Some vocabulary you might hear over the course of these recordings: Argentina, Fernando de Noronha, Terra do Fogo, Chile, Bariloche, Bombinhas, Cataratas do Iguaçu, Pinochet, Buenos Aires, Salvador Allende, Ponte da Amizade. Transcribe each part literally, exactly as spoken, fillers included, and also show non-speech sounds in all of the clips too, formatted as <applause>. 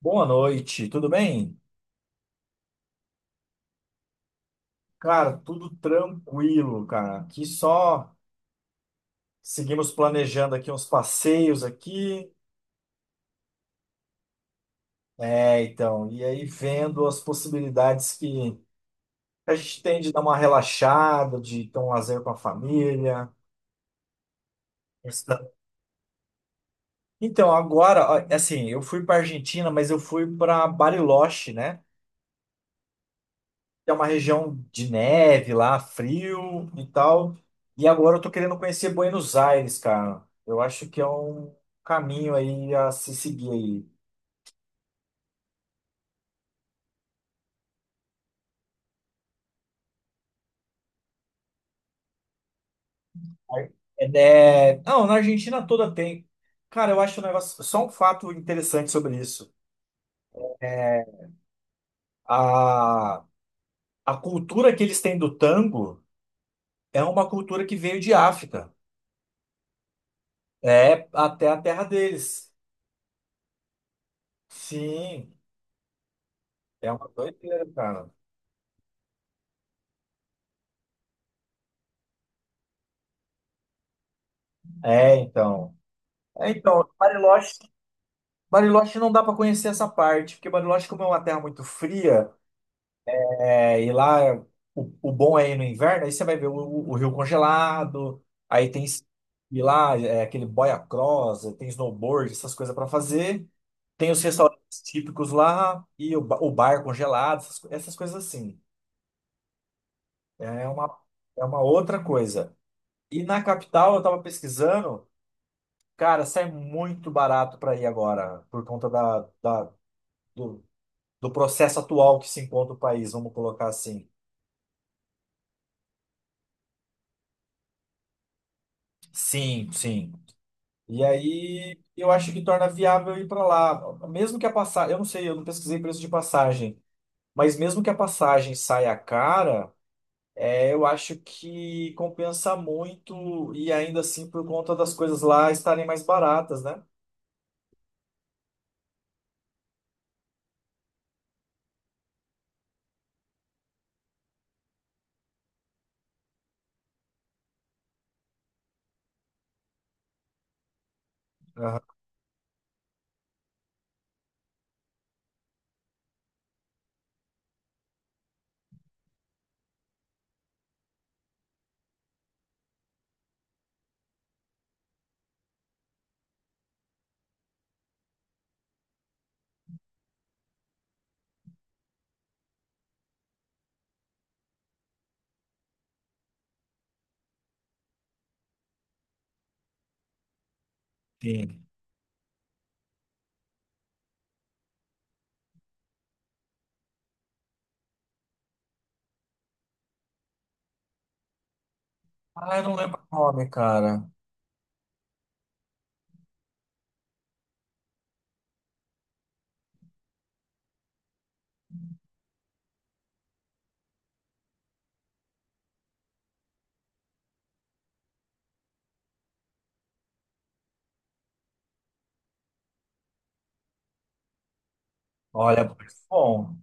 Boa noite, tudo bem? Cara, tudo tranquilo, cara. Aqui só seguimos planejando aqui uns passeios aqui. É, então, e aí vendo as possibilidades que a gente tem de dar uma relaxada, de ter um lazer com a família. Então, agora, ó, assim, eu fui para Argentina, mas eu fui para Bariloche, né? Que é uma região de neve lá, frio e tal. E agora eu tô querendo conhecer Buenos Aires, cara. Eu acho que é um caminho aí a se seguir aí. É, é... Não, na Argentina toda tem. Cara, eu acho um negócio, só um fato interessante sobre isso. É, A, a cultura que eles têm do tango é uma cultura que veio de África. É até a terra deles. Sim, é uma doideira, cara. É, então. É, então, Bariloche Bariloche não dá para conhecer essa parte, porque Bariloche, como é uma terra muito fria, é, e lá o, o bom é ir no inverno, aí você vai ver o, o rio congelado, aí tem e lá é, aquele boia cross, tem snowboard, essas coisas para fazer, tem os restaurantes típicos lá e o, ba- o bar congelado, essas, co- essas coisas assim. É uma, é uma outra coisa. E na capital eu tava pesquisando, cara, sai muito barato para ir agora, por conta da, da, do- do processo atual que se encontra o país, vamos colocar assim. Sim, sim. E aí eu acho que torna viável ir para lá, mesmo que a passagem, eu não sei, eu não pesquisei preço de passagem, mas mesmo que a passagem saia cara, é, eu acho que compensa muito e ainda assim por conta das coisas lá estarem mais baratas, né? Aham. Sim. Ah, eu não lembro o nome, cara. Olha, bom.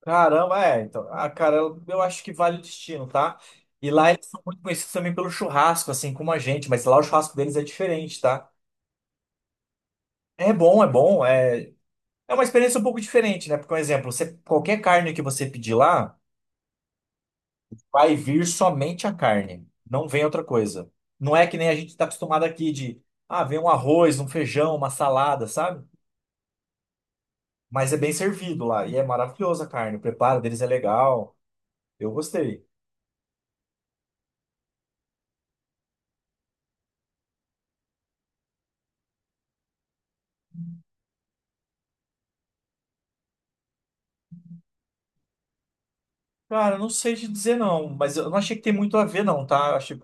Caramba, é. Então, ah, cara, eu, eu acho que vale o destino, tá? E lá eles são muito conhecidos também pelo churrasco, assim como a gente, mas lá o churrasco deles é diferente, tá? É bom, é bom. É, é uma experiência um pouco diferente, né? Porque, por exemplo, você, qualquer carne que você pedir lá, vai vir somente a carne, não vem outra coisa. Não é que nem a gente está acostumado aqui de, ah, vem um arroz, um feijão, uma salada, sabe? Mas é bem servido lá e é maravilhosa a carne. O preparo deles é legal. Eu gostei. Cara, eu não sei te dizer não, mas eu não achei que tem muito a ver não, tá? Eu achei...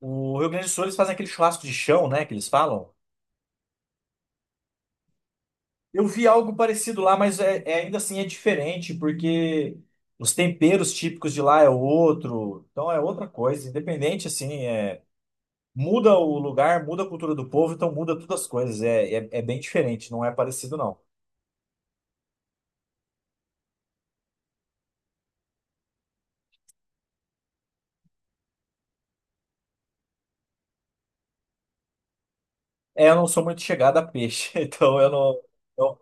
O Rio Grande do Sul eles fazem aquele churrasco de chão, né, que eles falam. Eu vi algo parecido lá, mas é, é- ainda assim é diferente, porque os temperos típicos de lá é outro, então é outra coisa, independente assim, é... muda o lugar, muda a cultura do povo, então muda todas as coisas, é, é, é bem diferente, não é parecido não. É, eu não sou muito chegada a peixe, <laughs> então eu não, não,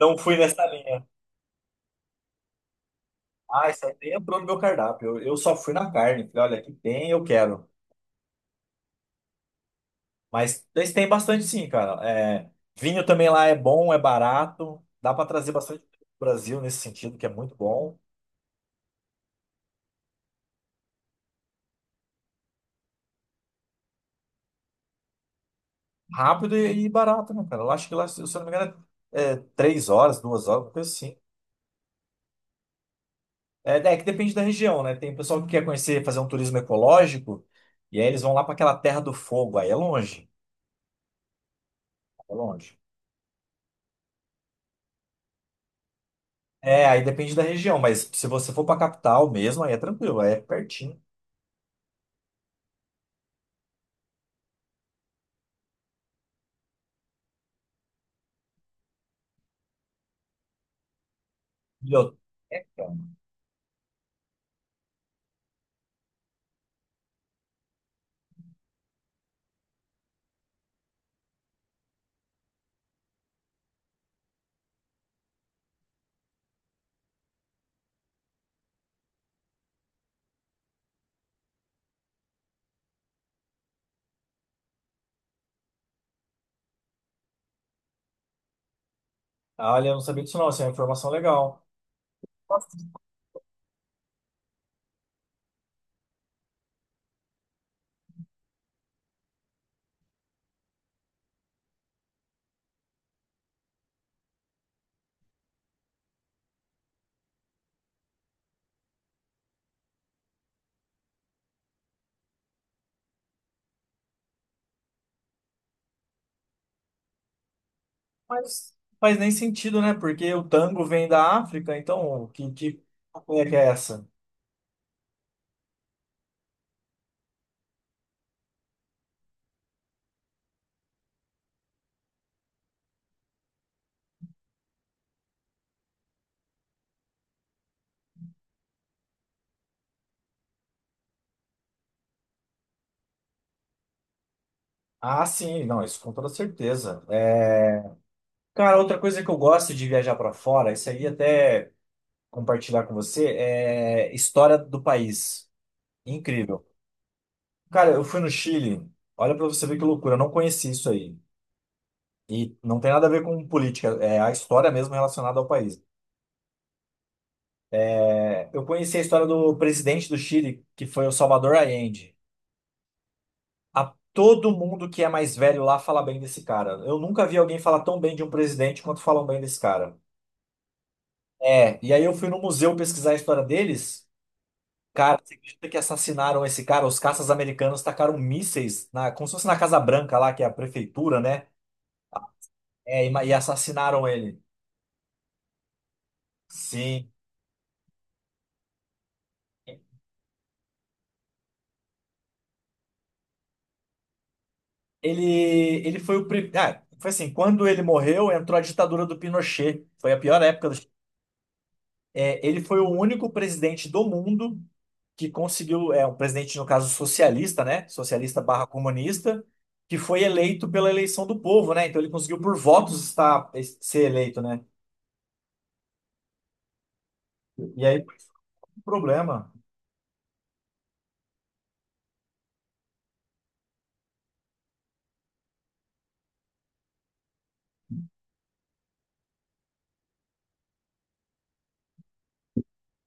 não fui nessa linha. Ah, isso aí nem entrou no meu cardápio. Eu, eu só fui na carne. Falei, olha, aqui tem, eu quero. Mas eles têm bastante sim, cara. É, vinho também lá é bom, é barato. Dá pra trazer bastante pro Brasil nesse sentido, que é muito bom. Rápido e, e barato, né, cara? Eu acho que lá, se eu não me engano, é é três horas, duas horas, uma coisa assim. É, é que depende da região, né? Tem pessoal que quer conhecer, fazer um turismo ecológico, e aí eles vão lá pra aquela Terra do Fogo. Aí é longe, é longe. É, aí depende da região, mas se você for pra capital mesmo, aí é tranquilo, aí é pertinho. Biblioteca? Ah, olha, eu não sabia disso não, isso é uma informação legal. Nossa, mas não faz nem sentido, né? Porque o tango vem da África, então que, que é que é essa? Ah, sim, não, isso com toda certeza. É, cara, outra coisa que eu gosto de viajar para fora, isso aí até compartilhar com você, é história do país. Incrível. Cara, eu fui no Chile, olha para você ver que loucura, eu não conheci isso aí. E não tem nada a ver com política, é a história mesmo relacionada ao país. É, eu conheci a história do presidente do Chile, que foi o Salvador Allende. A todo mundo que é mais velho lá fala bem desse cara. Eu nunca vi alguém falar tão bem de um presidente quanto falam bem desse cara. É, e aí eu fui no museu pesquisar a história deles. Cara, você acredita que assassinaram esse cara? Os caças americanos tacaram mísseis na, como se fosse na Casa Branca lá, que é a prefeitura, né? É, e, ma- e assassinaram ele. Sim. Ele, ele foi o. primeiro Ah, foi assim, quando ele morreu, entrou a ditadura do Pinochet. Foi a pior época do... É, ele foi o único presidente do mundo que conseguiu, é um presidente, no caso, socialista, né? Socialista barra comunista, que foi eleito pela eleição do povo, né? Então ele conseguiu por votos estar, ser eleito, né? E aí, o problema.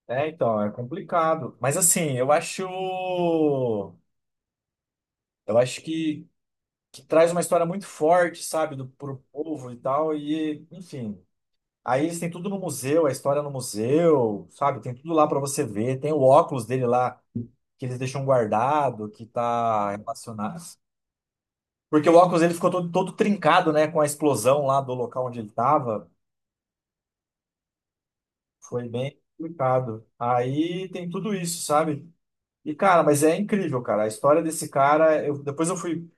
É, então, é complicado. Mas assim, eu acho. Eu acho que, que traz uma história muito forte, sabe, do, pro povo e tal. E, enfim. Aí eles têm tudo no museu, a história no museu, sabe? Tem tudo lá para você ver. Tem o óculos dele lá que eles deixam guardado, que tá relacionado. Porque o óculos ele ficou todo, todo trincado, né, com a explosão lá do local onde ele tava. Foi bem complicado. Aí tem tudo isso, sabe? E, cara, mas é incrível, cara. A história desse cara, eu, depois eu fui,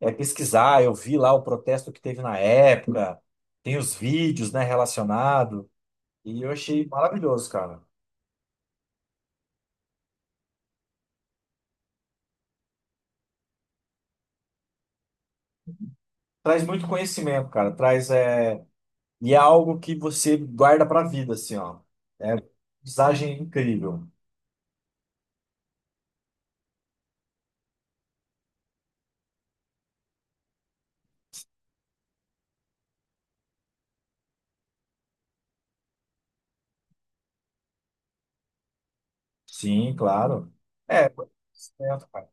é, pesquisar, eu vi lá o protesto que teve na época, tem os vídeos, né, relacionado, e eu achei maravilhoso, cara. Traz muito conhecimento, cara. Traz, é, e é algo que você guarda pra vida, assim, ó. É uma aprendizagem incrível. Sim, claro. É, certo, cara.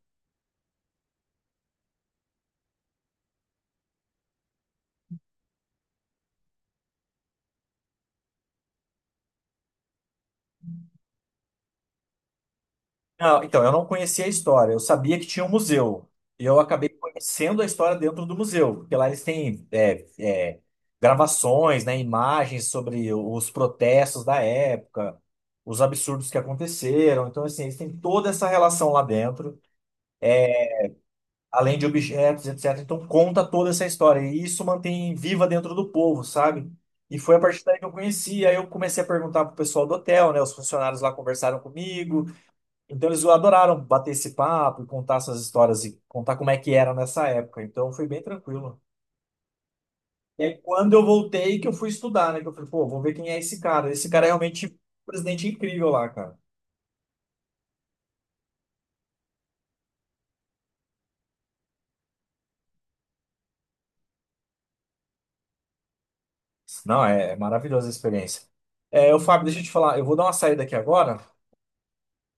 Não, então, eu não conhecia a história. Eu sabia que tinha um museu. E eu acabei conhecendo a história dentro do museu, porque lá eles têm é, é, gravações, né, imagens sobre os protestos da época, os absurdos que aconteceram. Então, assim, eles têm toda essa relação lá dentro, além de objetos, etcétera. Então conta toda essa história e isso mantém viva dentro do povo, sabe? E foi a partir daí que eu conheci, aí eu comecei a perguntar pro pessoal do hotel, né? Os funcionários lá conversaram comigo, então eles adoraram bater esse papo e contar essas histórias e contar como é que era nessa época. Então foi bem tranquilo. E aí quando eu voltei que eu fui estudar, né? Que eu falei, pô, vou ver quem é esse cara. Esse cara é realmente um presidente incrível lá, cara. Não, é, é maravilhosa a experiência. É, ô, Fábio, deixa eu te falar, eu vou dar uma saída aqui agora.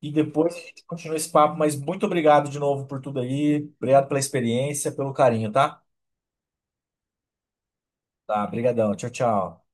E depois a gente continua esse papo, mas muito obrigado de novo por tudo aí. Obrigado pela experiência, pelo carinho, tá? Tá, brigadão. Tchau, tchau.